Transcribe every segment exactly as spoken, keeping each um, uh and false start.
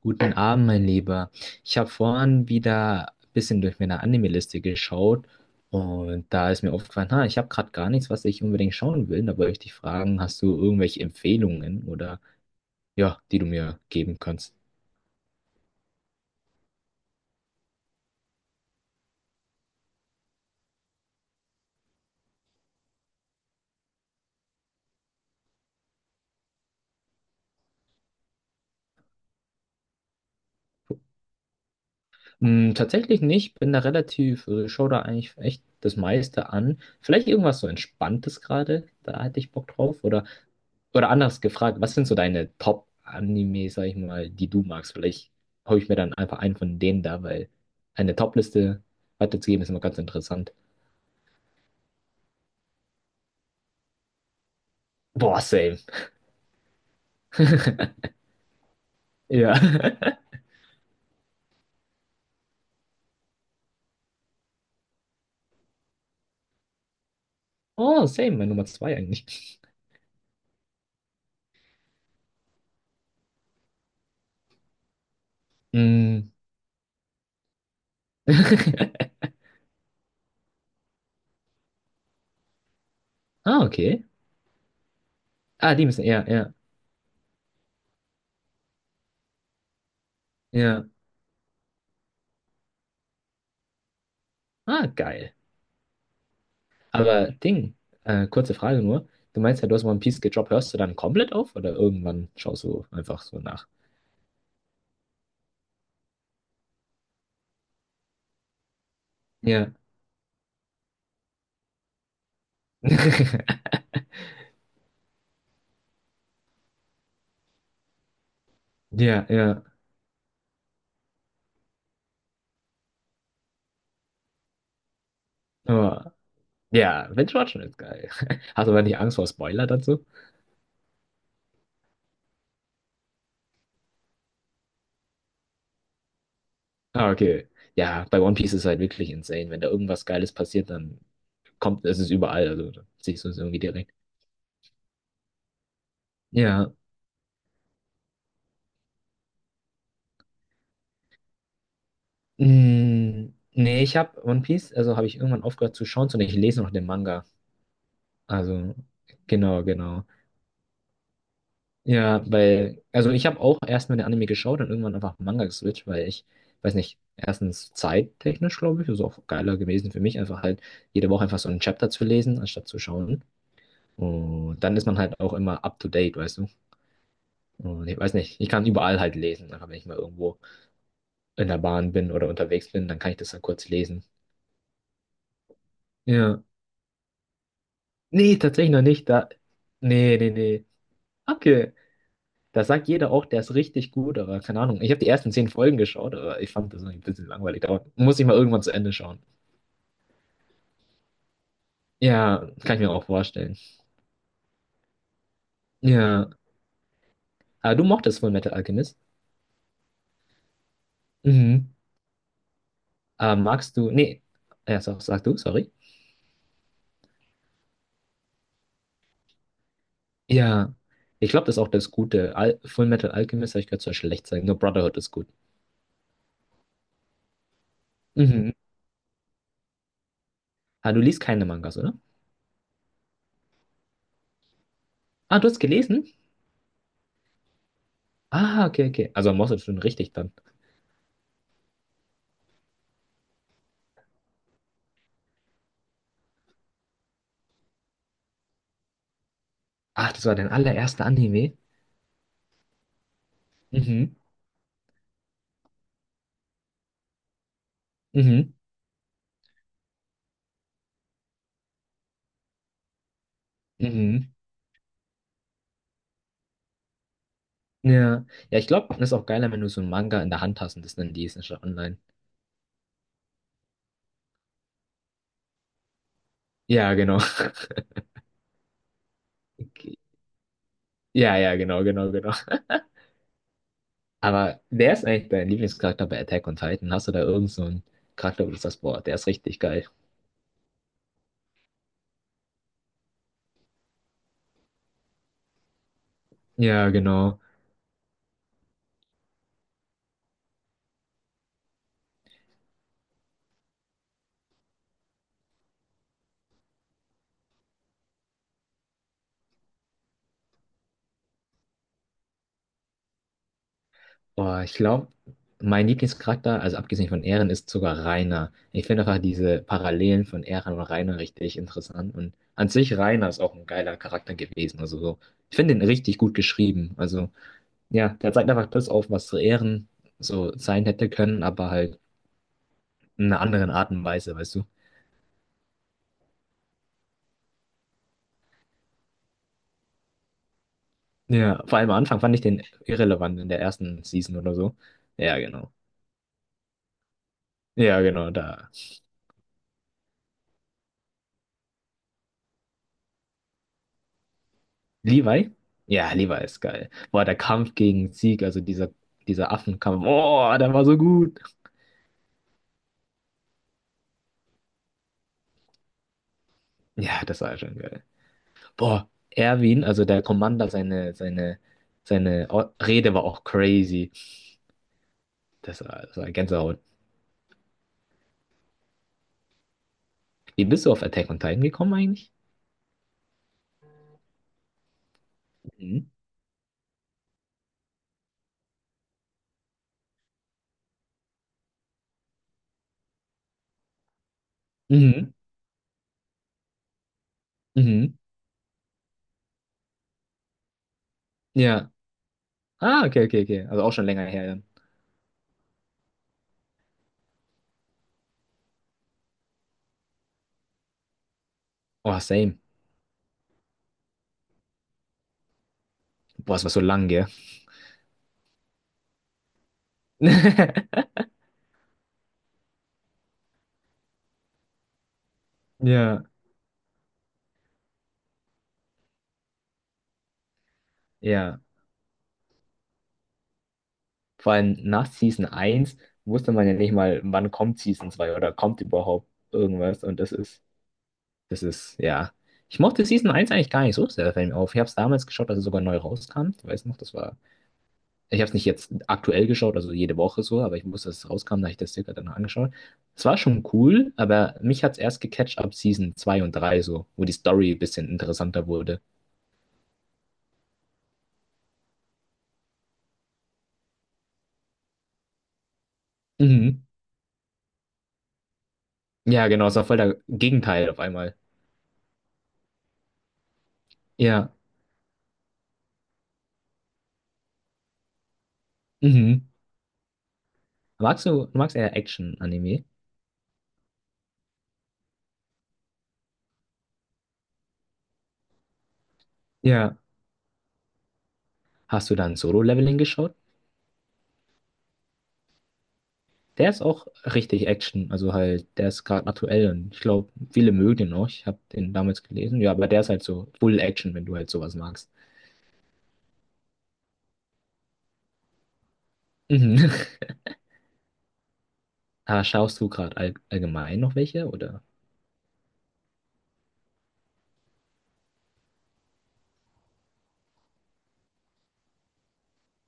Guten Abend, mein Lieber. Ich habe vorhin wieder ein bisschen durch meine Anime-Liste geschaut und da ist mir aufgefallen, ha, ich habe gerade gar nichts, was ich unbedingt schauen will. Da wollte ich dich fragen, hast du irgendwelche Empfehlungen oder ja, die du mir geben kannst? Hm, tatsächlich nicht, bin da relativ, äh, schau da eigentlich echt das meiste an. Vielleicht irgendwas so Entspanntes gerade, da hätte ich Bock drauf oder. Oder anders gefragt, was sind so deine Top-Anime, sag ich mal, die du magst? Vielleicht hole ich mir dann einfach einen von denen da, weil eine Top-Liste weiterzugeben ist immer ganz interessant. Boah, same. Ja. Oh, same, meine Nummer zwei eigentlich. Mm. Ah, okay. Ah, die müssen, ja, ja, ja. Ah, geil. Aber Ding, äh, kurze Frage nur. Du meinst ja, du hast One Piece gedroppt, hörst du dann komplett auf oder irgendwann schaust du einfach so nach? Ja. Ja, ja. Oh. Ja, Binge-Watchen ist geil. Hast du aber nicht Angst vor Spoiler dazu? Ah, okay. Ja, bei One Piece ist es halt wirklich insane. Wenn da irgendwas Geiles passiert, dann kommt, es ist überall. Also dann siehst du es irgendwie direkt. Ja. Mm, nee, ich habe One Piece, also habe ich irgendwann aufgehört zu schauen, sondern ich lese noch den Manga. Also, genau, genau. Ja, weil, also ich habe auch erstmal den Anime geschaut und irgendwann einfach Manga geswitcht, weil ich, weiß nicht, erstens zeittechnisch, glaube ich, ist auch geiler gewesen für mich, einfach halt jede Woche einfach so ein Chapter zu lesen, anstatt zu schauen. Und dann ist man halt auch immer up to date, weißt du? Und ich weiß nicht, ich kann überall halt lesen. Einfach wenn ich mal irgendwo in der Bahn bin oder unterwegs bin, dann kann ich das dann kurz lesen. Ja. Nee, tatsächlich noch nicht. Da. Nee, nee, nee. Okay. Da sagt jeder auch, der ist richtig gut, aber keine Ahnung. Ich habe die ersten zehn Folgen geschaut, aber ich fand das irgendwie ein bisschen langweilig. Da muss ich mal irgendwann zu Ende schauen. Ja, kann ich mir auch vorstellen. Ja. Aber du mochtest Fullmetal Alchemist. Mhm. Aber magst du. Nee. Ja, sag, sag du, sorry. Ja, ich glaube, das ist auch das Gute. Al Full Metal Alchemist habe ich gehört, soll schlecht sein. Nur Brotherhood ist gut. Mhm. Ah, du liest keine Mangas, oder? Ah, du hast gelesen? Ah, okay, okay. Also Moss ist schon richtig dann. Ach, das war dein allererster Anime. Mhm. Mhm. Mhm. Ja. Ja, ich glaube, das ist auch geiler, wenn du so einen Manga in der Hand hast und das dann liest, anstatt online. Ja, genau. Ja, ja, genau, genau, genau. Aber wer ist eigentlich dein Lieblingscharakter bei Attack on Titan? Hast du da irgend so einen Charakter, wo du sagst, boah, der ist richtig geil? Ja, genau. Boah, ich glaube, mein Lieblingscharakter, also abgesehen von Eren, ist sogar Reiner. Ich finde einfach diese Parallelen von Eren und Reiner richtig interessant. Und an sich Reiner ist auch ein geiler Charakter gewesen. Also so. Ich finde ihn richtig gut geschrieben. Also ja, der zeigt einfach das auf, was so Eren so sein hätte können, aber halt in einer anderen Art und Weise, weißt du. Ja, vor allem am Anfang fand ich den irrelevant in der ersten Season oder so. Ja, genau. Ja, genau, da. Levi? Ja, Levi ist geil. Boah, der Kampf gegen Zeke, also dieser, dieser Affenkampf, boah, der war so gut. Ja, das war schon geil. Boah, Erwin, also der Commander, seine, seine, seine O- Rede war auch crazy. Das war, das war Gänsehaut. Wie bist du auf Attack on Titan gekommen eigentlich? Mhm. Mhm. Mhm. Ja. Ah, okay, okay, okay. Also auch schon länger her, dann. Oh, same. Boah, es war so lang, gell? Ja. Ja. Vor allem nach Season eins wusste man ja nicht mal, wann kommt Season zwei oder kommt überhaupt irgendwas. Und das ist, das ist, ja. Ich mochte Season eins eigentlich gar nicht so sehr, fällt mir auf. Ich habe es damals geschaut, als es sogar neu rauskam. Ich weiß noch, das war. Ich habe es nicht jetzt aktuell geschaut, also jede Woche so, aber ich wusste, dass es rauskam, da habe ich das circa danach angeschaut. Es war schon cool, aber mich hat es erst gecatcht ab Season zwei und drei so, wo die Story ein bisschen interessanter wurde. Mhm. Ja, genau, es war voll der Gegenteil auf einmal. Ja. Mhm. Magst du, du magst eher Action-Anime? Ja. Hast du dann Solo-Leveling geschaut? Der ist auch richtig Action. Also halt, der ist gerade aktuell und ich glaube, viele mögen den auch. Ich habe den damals gelesen. Ja, aber der ist halt so Full Action, wenn du halt sowas magst. Mhm. Ah, schaust du gerade all allgemein noch welche, oder?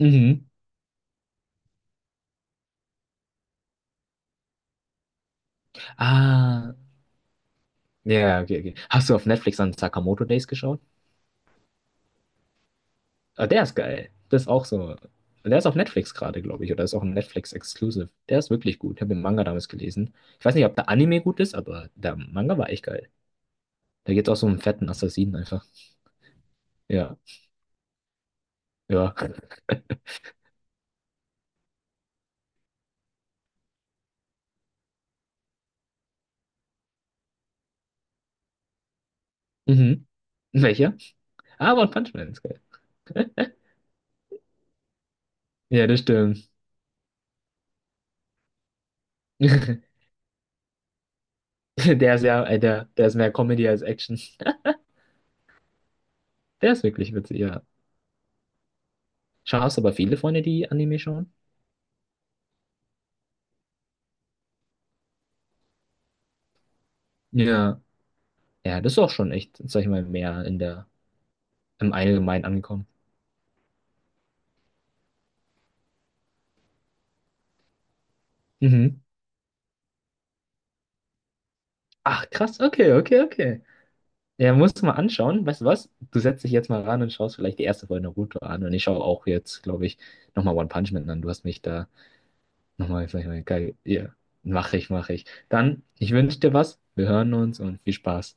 Mhm. Ah, ja, okay, okay. Hast du auf Netflix an Sakamoto Days geschaut? Ah, der ist geil. Das ist auch so. Der ist auf Netflix gerade, glaube ich, oder ist auch ein Netflix-Exclusive. Der ist wirklich gut. Ich habe den Manga damals gelesen. Ich weiß nicht, ob der Anime gut ist, aber der Manga war echt geil. Da geht es auch so um fetten Assassinen einfach. Ja, ja. Mhm. Welcher? Ah, One Punch Man ist geil. Ja, das stimmt. Der ist ja, äh, der, der ist mehr Comedy als Action. Der ist wirklich witzig, ja. Schaust aber viele Freunde, die Anime schauen? Ja. Ja, das ist auch schon echt, sag ich mal, mehr in der, im Allgemeinen angekommen. Mhm. Ach, krass, okay, okay, okay. Ja, musst du mal anschauen. Weißt du was? Du setzt dich jetzt mal ran und schaust vielleicht die erste Folge Naruto an. Und ich schaue auch jetzt, glaube ich, nochmal One Punch Man an. Du hast mich da. Nochmal, vielleicht mal geil. Ja, mache ich, mache ich. Dann, ich wünsche dir was. Wir hören uns und viel Spaß.